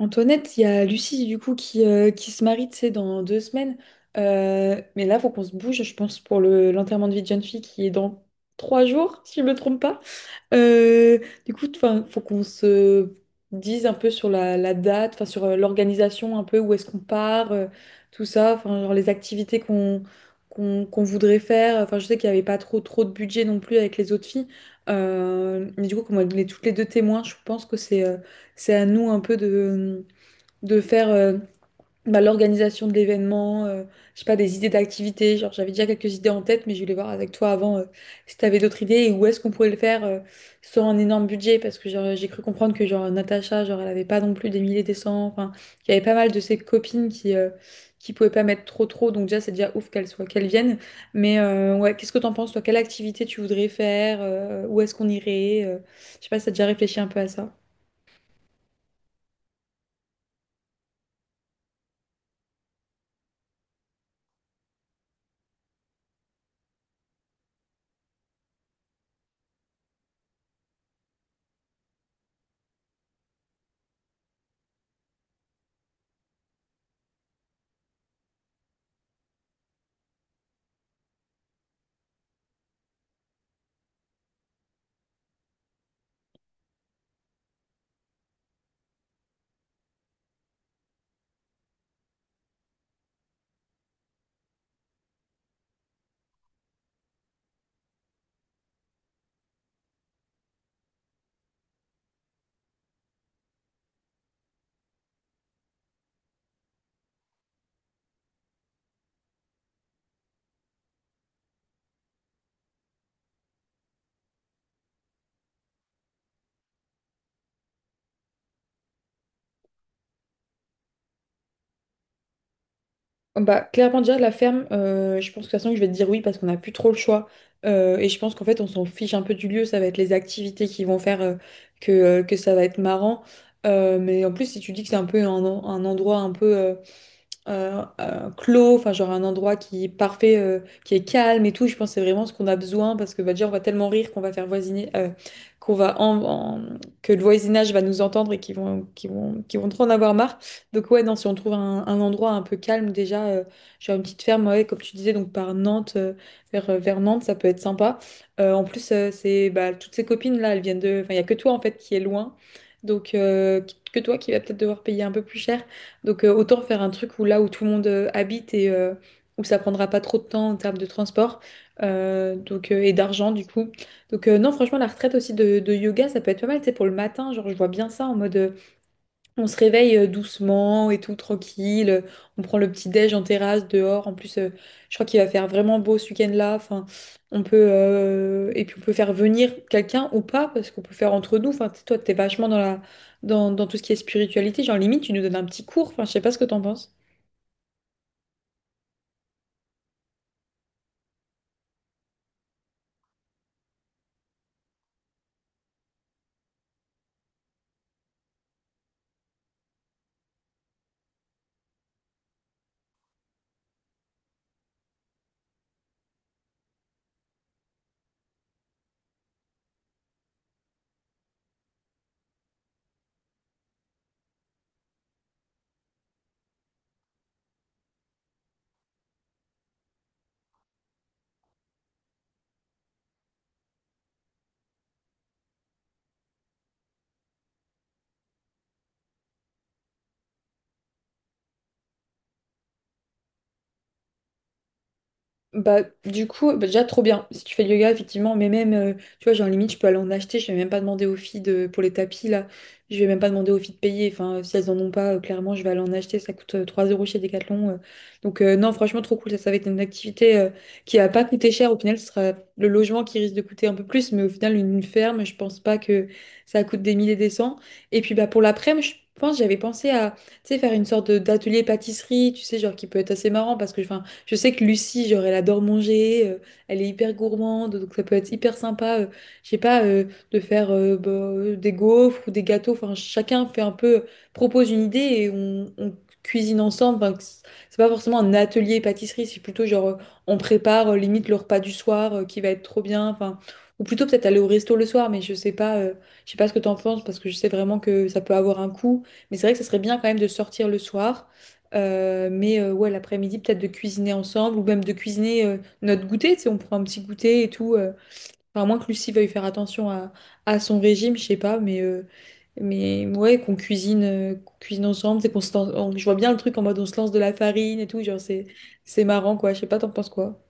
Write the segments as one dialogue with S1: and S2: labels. S1: Antoinette, il y a Lucie du coup qui se marie, tu sais, dans 2 semaines. Mais là, faut qu'on se bouge, je pense, pour le l'enterrement de vie de jeune fille qui est dans 3 jours, si je me trompe pas. Euh, enfin, faut qu'on se dise un peu sur la date, enfin sur l'organisation un peu, où est-ce qu'on part, tout ça, enfin genre les activités qu'on voudrait faire. Enfin, je sais qu'il n'y avait pas trop trop de budget non plus avec les autres filles. Mais du coup, comme on est toutes les deux témoins, je pense que c'est à nous un peu de faire bah, l'organisation de l'événement, je sais pas, des idées d'activités. Genre, j'avais déjà quelques idées en tête, mais je voulais voir avec toi avant, si tu avais d'autres idées et où est-ce qu'on pourrait le faire sans un énorme budget. Parce que genre, j'ai cru comprendre que genre, Natacha, genre, elle avait pas non plus des milliers, des cents. Enfin, il y avait pas mal de ses copines qui pouvaient pas mettre trop, trop. Donc, déjà, c'est déjà ouf qu'elles viennent. Ouais, qu'est-ce que t'en penses, toi? Quelle activité tu voudrais faire? Où est-ce qu'on irait? Je sais pas si t'as déjà réfléchi un peu à ça. Bah, clairement, déjà, la ferme, je pense que de toute façon, je vais te dire oui parce qu'on n'a plus trop le choix. Et je pense qu'en fait, on s'en fiche un peu du lieu. Ça va être les activités qui vont faire que ça va être marrant. Mais en plus, si tu dis que c'est un peu un endroit un peu clos, enfin genre un endroit qui est parfait, qui est calme et tout. Je pense que c'est vraiment ce qu'on a besoin parce que bah, déjà on va tellement rire qu'on va faire voisiner, qu'on va en, en- que le voisinage va nous entendre et qu'ils vont trop en avoir marre. Donc ouais, non, si on trouve un endroit un peu calme déjà, genre une petite ferme, ouais, comme tu disais, donc par Nantes, vers Nantes, ça peut être sympa. C'est bah, toutes ces copines là, elles viennent de, enfin il y a que toi en fait qui est loin, donc euh, que toi qui va peut-être devoir payer un peu plus cher. Autant faire un truc où là où tout le monde habite où ça prendra pas trop de temps en termes de transport, et d'argent du coup. Non franchement la retraite aussi de yoga ça peut être pas mal, tu sais, pour le matin, genre je vois bien ça en mode on se réveille doucement et tout, tranquille. On prend le petit déj en terrasse, dehors. En plus, je crois qu'il va faire vraiment beau ce week-end-là. Enfin, on peut, et puis, on peut faire venir quelqu'un ou pas, parce qu'on peut faire entre nous. Enfin, tu sais, toi, t'es vachement dans la... dans tout ce qui est spiritualité. Genre, limite, tu nous donnes un petit cours. Enfin, je sais pas ce que t'en penses. Bah, du coup, bah, déjà trop bien si tu fais du yoga, effectivement, mais même, tu vois, genre limite, je peux aller en acheter, je vais même pas demander aux filles de, pour les tapis là, je vais même pas demander aux filles de payer, enfin, si elles en ont pas, clairement, je vais aller en acheter, ça coûte 3 € chez Decathlon. Non, franchement, trop cool, ça va être une activité qui va pas coûter cher, au final, ce sera le logement qui risque de coûter un peu plus, mais au final, une ferme, je pense pas que ça coûte des milliers des cents. Et puis, bah, pour l'après-midi, je pense, j'avais pensé à, tu sais, faire d'atelier pâtisserie, tu sais, genre qui peut être assez marrant parce que, enfin, je sais que Lucie, genre, elle adore manger, elle est hyper gourmande, donc ça peut être hyper sympa, je sais pas, de faire des gaufres ou des gâteaux. Enfin, chacun fait un peu, propose une idée on cuisine ensemble. C'est pas forcément un atelier pâtisserie, c'est plutôt genre, on prépare limite le repas du soir qui va être trop bien. Enfin, ou plutôt peut-être aller au resto le soir, mais je sais pas ce que t'en penses parce que je sais vraiment que ça peut avoir un coût. Mais c'est vrai que ça serait bien quand même de sortir le soir. Ouais, l'après-midi, peut-être de cuisiner ensemble ou même de cuisiner notre goûter. Tu sais, on prend un petit goûter et tout. Enfin, à moins que Lucie veuille faire attention à son régime, je sais pas, mais ouais, qu'on cuisine, qu'on cuisine ensemble. C'est qu'on se lance- on- Je vois bien le truc en mode on se lance de la farine et tout. Genre, c'est marrant, quoi. Je sais pas, t'en penses quoi?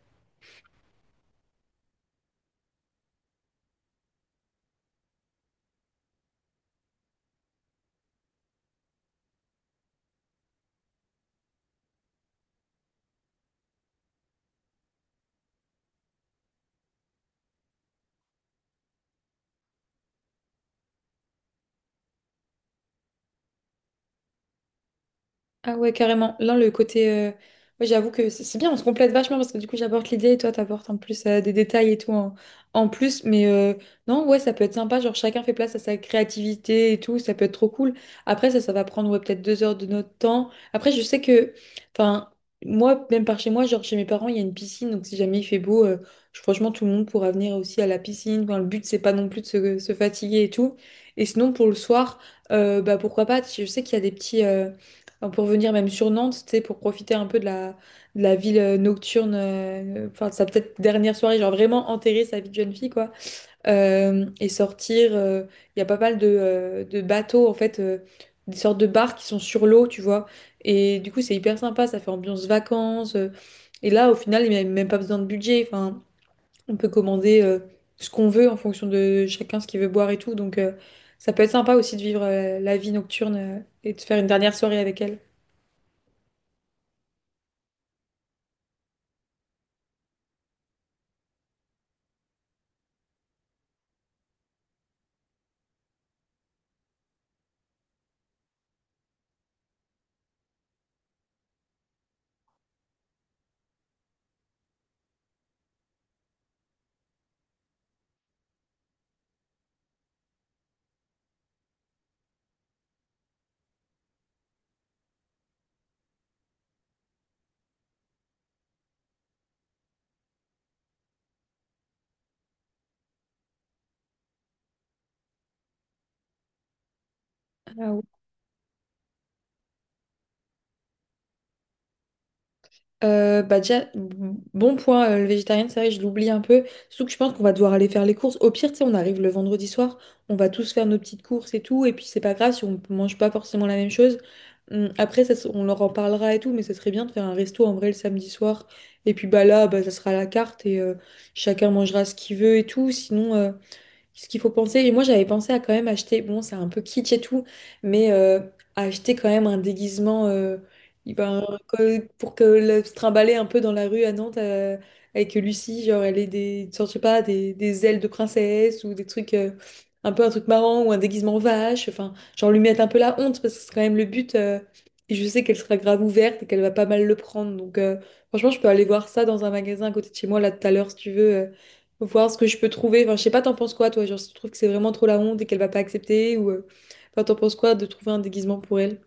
S1: Ah ouais, carrément. Ouais, j'avoue que c'est bien, on se complète vachement parce que du coup, j'apporte l'idée et toi, t'apportes en plus des détails en plus. Non, ouais, ça peut être sympa. Genre, chacun fait place à sa créativité et tout. Ça peut être trop cool. Après, ça va prendre ouais, peut-être 2 heures de notre temps. Après, je sais que... Enfin, moi, même par chez moi, genre chez mes parents, il y a une piscine. Donc, si jamais il fait beau, franchement, tout le monde pourra venir aussi à la piscine. Enfin, le but, c'est pas non plus de se fatiguer et tout. Et sinon, pour le soir, bah, pourquoi pas? Je sais qu'il y a des petits... enfin, pour venir même sur Nantes, tu sais, pour profiter un peu de la ville nocturne, enfin, de sa peut-être dernière soirée, genre vraiment enterrer sa vie de jeune fille, quoi. Euh, et sortir, euh, il y a pas mal de bateaux, en fait, des sortes de bars qui sont sur l'eau, tu vois. Et du coup, c'est hyper sympa, ça fait ambiance vacances. Et là, au final, il n'y a même pas besoin de budget. Enfin, on peut commander ce qu'on veut en fonction de chacun, ce qu'il veut boire et tout. Ça peut être sympa aussi de vivre la vie nocturne et de faire une dernière soirée avec elle. Bah déjà, bon point, le végétarien, c'est vrai, je l'oublie un peu. Surtout que je pense qu'on va devoir aller faire les courses. Au pire, tu sais, on arrive le vendredi soir, on va tous faire nos petites courses et tout, et puis c'est pas grave si on mange pas forcément la même chose. Après, ça, on leur en parlera et tout, mais ça serait bien de faire un resto en vrai le samedi soir. Et puis bah là, bah, ça sera à la carte chacun mangera ce qu'il veut et tout. Sinon, ce qu'il faut penser. Et moi, j'avais pensé à quand même acheter, bon, c'est un peu kitsch et tout, mais euh, à acheter quand même un déguisement, pour que le, se trimballer un peu dans la rue à Nantes avec Lucie, genre elle ait des, genre, je sais pas, des ailes de princesse ou des trucs, un peu un truc marrant ou un déguisement vache, enfin, genre lui mettre un peu la honte parce que c'est quand même le but. Et je sais qu'elle sera grave ouverte et qu'elle va pas mal le prendre. Franchement, je peux aller voir ça dans un magasin à côté de chez moi, là, tout à l'heure, si tu veux. Faut voir ce que je peux trouver. Enfin, je sais pas, t'en penses quoi, toi? Genre, si tu trouves que c'est vraiment trop la honte et qu'elle va pas accepter ou... enfin, t'en penses quoi de trouver un déguisement pour elle?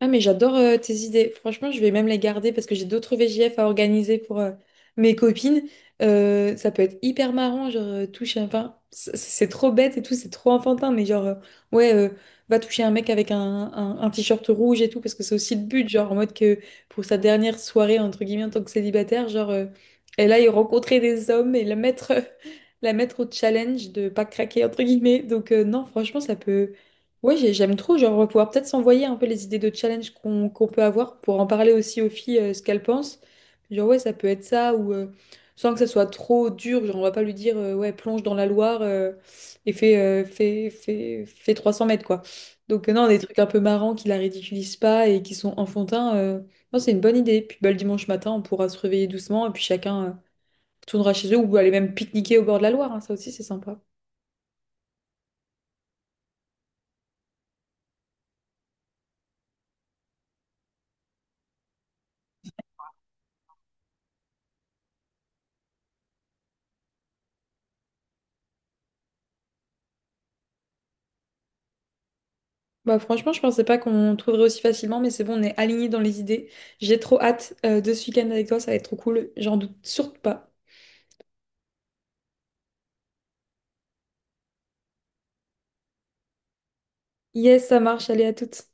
S1: Ah, mais j'adore tes idées. Franchement, je vais même les garder parce que j'ai d'autres VJF à organiser pour mes copines. Ça peut être hyper marrant, genre toucher un... C'est trop bête et tout, c'est trop enfantin, mais genre, ouais, euh, va toucher un mec avec un t-shirt rouge et tout, parce que c'est aussi le but, genre en mode que pour sa dernière soirée, entre guillemets, en tant que célibataire, genre, elle aille rencontrer des hommes et la mettre, la mettre au challenge de pas craquer, entre guillemets. Non, franchement, ça peut... Oui, j'aime trop, genre, on va pouvoir peut-être s'envoyer un peu les idées de challenge qu'on peut avoir pour en parler aussi aux filles, ce qu'elles pensent. Genre, ouais, ça peut être ça, ou sans que ça soit trop dur, genre, on va pas lui dire, ouais, plonge dans la Loire et fais 300 mètres, quoi. Non, des trucs un peu marrants qui la ridiculisent pas et qui sont enfantins, non, c'est une bonne idée. Puis, bah, le dimanche matin, on pourra se réveiller doucement et puis chacun tournera chez eux ou aller même pique-niquer au bord de la Loire, hein, ça aussi, c'est sympa. Bah franchement, je pensais pas qu'on trouverait aussi facilement, mais c'est bon, on est alignés dans les idées. J'ai trop hâte de ce week-end avec toi, ça va être trop cool, j'en doute surtout pas. Yes, ça marche, allez à toutes.